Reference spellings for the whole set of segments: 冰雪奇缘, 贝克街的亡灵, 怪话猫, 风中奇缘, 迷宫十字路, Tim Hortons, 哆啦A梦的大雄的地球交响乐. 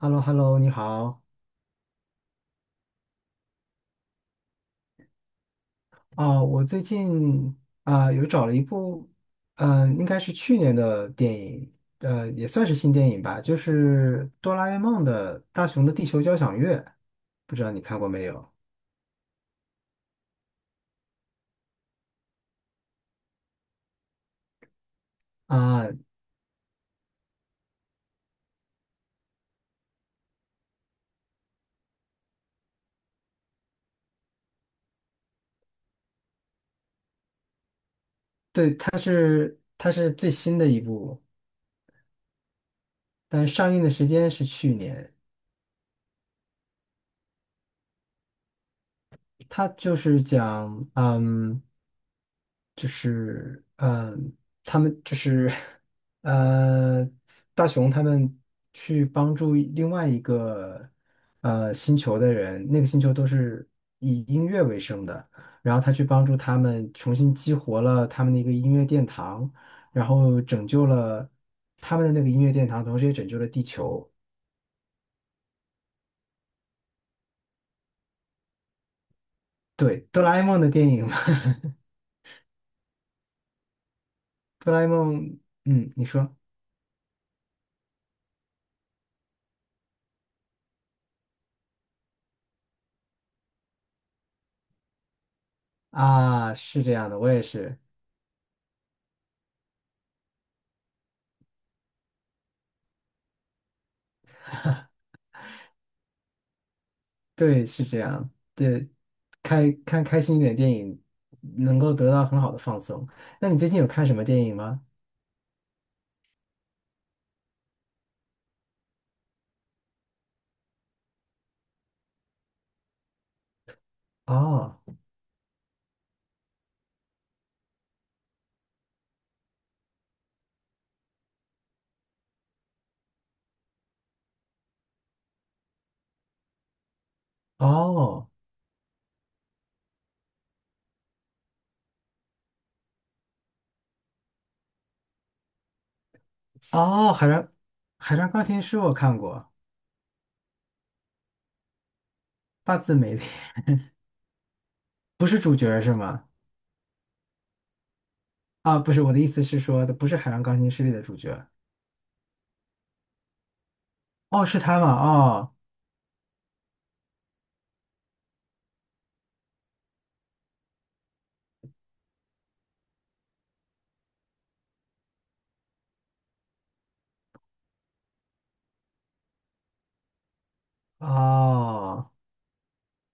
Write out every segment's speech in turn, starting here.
h e l l o hello 你好。啊！我最近有找了一部，应该是去年的电影，也算是新电影吧，就是《哆啦 A 梦的大雄的地球交响乐》，不知道你看过没有？啊、对，它是最新的一部，但上映的时间是去年。他就是讲，就是嗯，他们就是呃，大雄他们去帮助另外一个星球的人，那个星球都是以音乐为生的，然后他去帮助他们重新激活了他们的一个音乐殿堂，然后拯救了他们的那个音乐殿堂，同时也拯救了地球。对，哆啦 A 梦的电影嘛，哆啦 A 梦，嗯，你说。啊，是这样的，我也是，对，是这样，对，看开心一点电影，能够得到很好的放松。那你最近有看什么电影吗？哦，哦，哦，海上钢琴师我看过，八字没的 不是主角是吗？啊，不是，我的意思是说的不是海上钢琴师里的主角，哦，是他吗？哦，哦。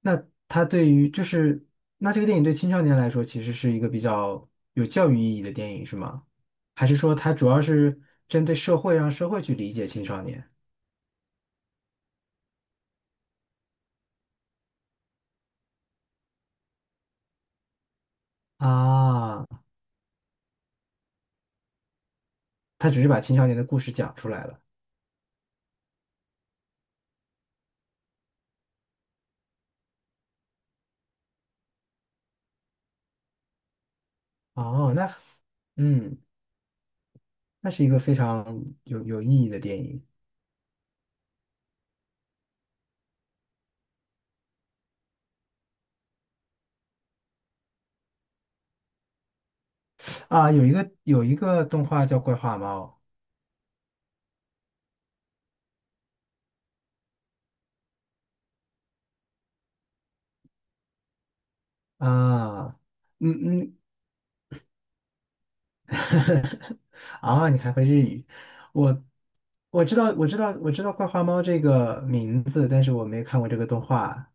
那它对于就是那这个电影对青少年来说，其实是一个比较有教育意义的电影，是吗？还是说它主要是针对社会，让社会去理解青少年啊？它只是把青少年的故事讲出来了。哦，嗯，那是一个非常有意义的电影啊。有一个动画叫《怪话猫》啊，嗯啊，你还会日语？我我知道，我知道，我知道《怪花猫》这个名字，但是我没看过这个动画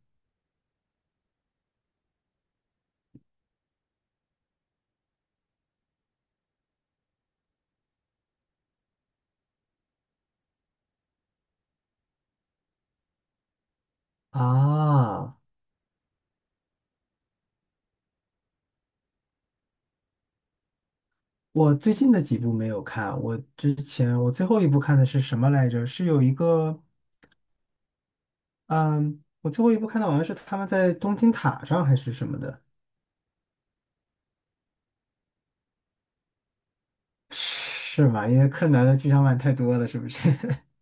啊。我最近的几部没有看，我之前我最后一部看的是什么来着？是有一个，嗯，我最后一部看到好像是他们在东京塔上还是什么的，是吗？因为柯南的剧场版太多了，是不是？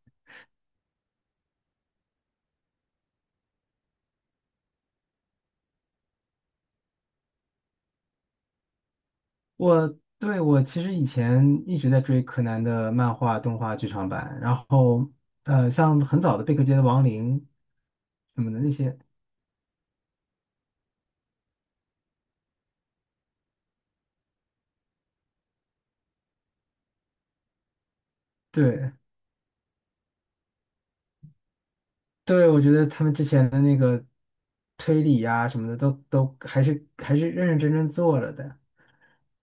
我对我其实以前一直在追柯南的漫画、动画剧场版，然后像很早的《贝克街的亡灵》什么的那些，对对，我觉得他们之前的那个推理呀、什么的都还是认认真真做了的，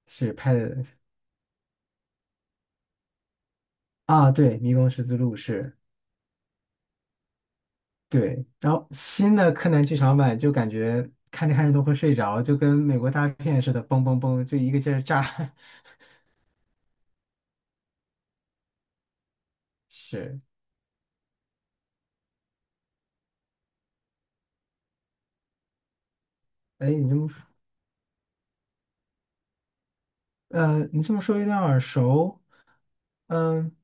是拍的啊，对，《迷宫十字路》是。对，然后新的柯南剧场版就感觉看着看着都会睡着，就跟美国大片似的，嘣嘣嘣，就一个劲儿炸，是。哎，你这么你这么说有点耳熟。嗯，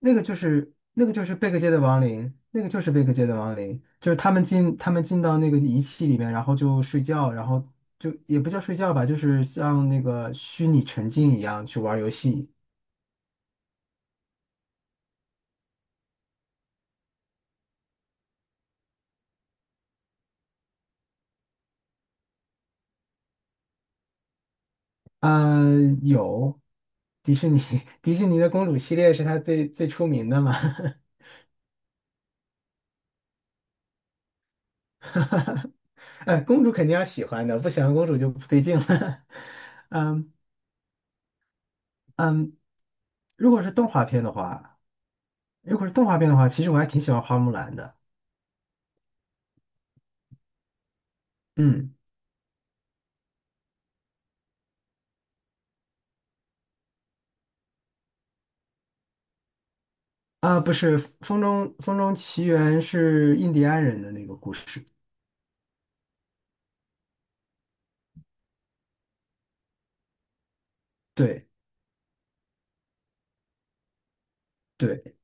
那个就是贝克街的亡灵，那个就是贝克街的亡灵，就是他们进到那个仪器里面，然后就睡觉，然后就也不叫睡觉吧，就是像那个虚拟沉浸一样去玩游戏。呃，有迪士尼 迪士尼的公主系列是它最最出名的嘛。哎，公主肯定要喜欢的，不喜欢公主就不对劲了。嗯，如果是动画片的话，如果是动画片的话，其实我还挺喜欢花木兰的。嗯啊，不是风中奇缘》是印第安人的那个故事，对对，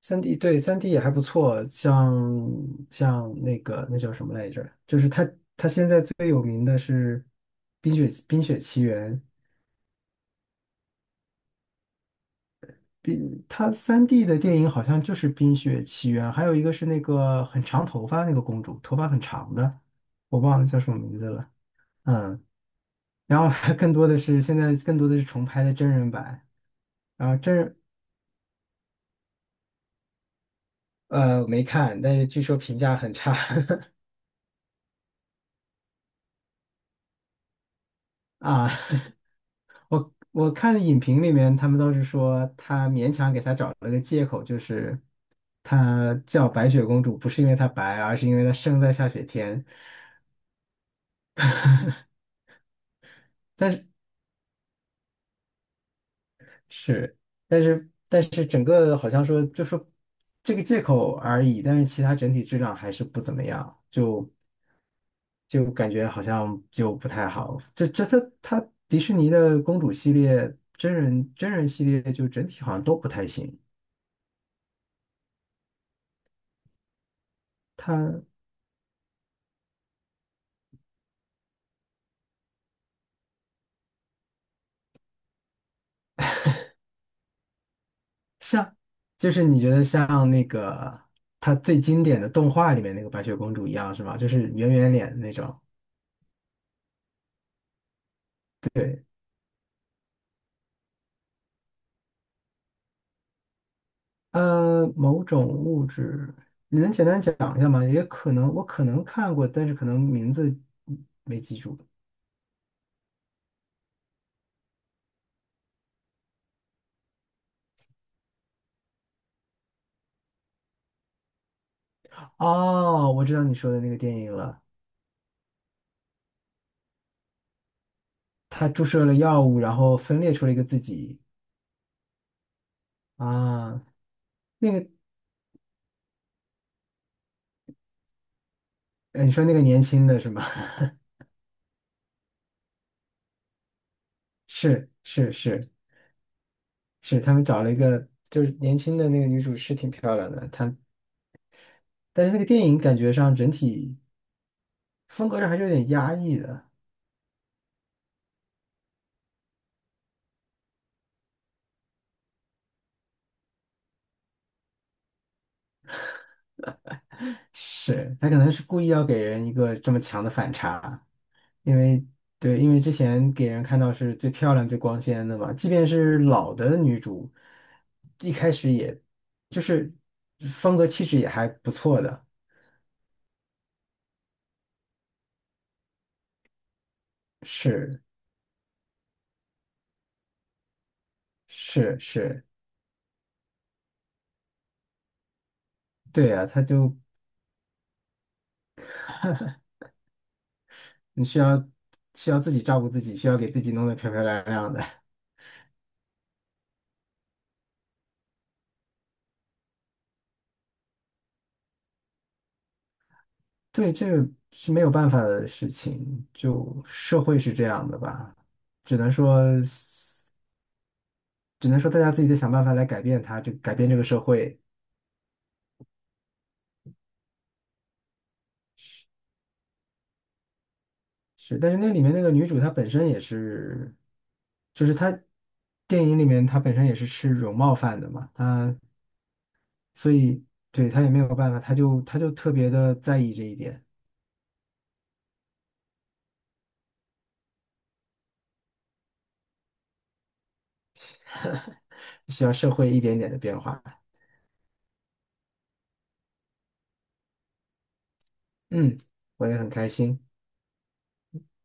三 D 也还不错，像那个那叫什么来着？就是他现在最有名的是冰雪奇缘》，他三 D 的电影好像就是《冰雪奇缘》，还有一个是那个很长头发那个公主，头发很长的，我忘了叫什么名字了，嗯，然后 更多的是重拍的真人版。然后真人呃，没看，但是据说评价很差 啊。我看影评里面，他们都是说他勉强给他找了个借口，就是他叫白雪公主不是因为她白，而是因为她生在下雪天。但是是，但是整个好像说就说这个借口而已，但是其他整体质量还是不怎么样，就。就感觉好像就不太好。迪士尼的公主系列、真人系列，就整体好像都不太行。它像就是你觉得像那个它最经典的动画里面那个白雪公主一样是吗？就是圆圆脸那种。对，某种物质，你能简单讲一下吗？也可能我可能看过，但是可能名字没记住。哦，我知道你说的那个电影了。他注射了药物，然后分裂出了一个自己啊，那个，你说那个年轻的是吗？是是是是，他们找了一个就是年轻的那个女主是挺漂亮的，但是那个电影感觉上整体风格上还是有点压抑的，是他可能是故意要给人一个这么强的反差，因为对，因为之前给人看到是最漂亮、最光鲜的嘛，即便是老的女主，一开始也就是风格气质也还不错的，是是是，对啊，她就你需要需要自己照顾自己，需要给自己弄得漂漂亮亮的，对，这个是没有办法的事情，就社会是这样的吧，只能说大家自己得想办法来改变它，就改变这个社会。是，但是那里面那个女主她本身也是，就是电影里面她本身也是吃容貌饭的嘛，她所以对她也没有办法，她就特别的在意这一点，需要社会一点点的变化。嗯，我也很开心，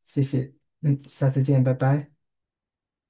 谢谢，嗯，下次见，拜拜。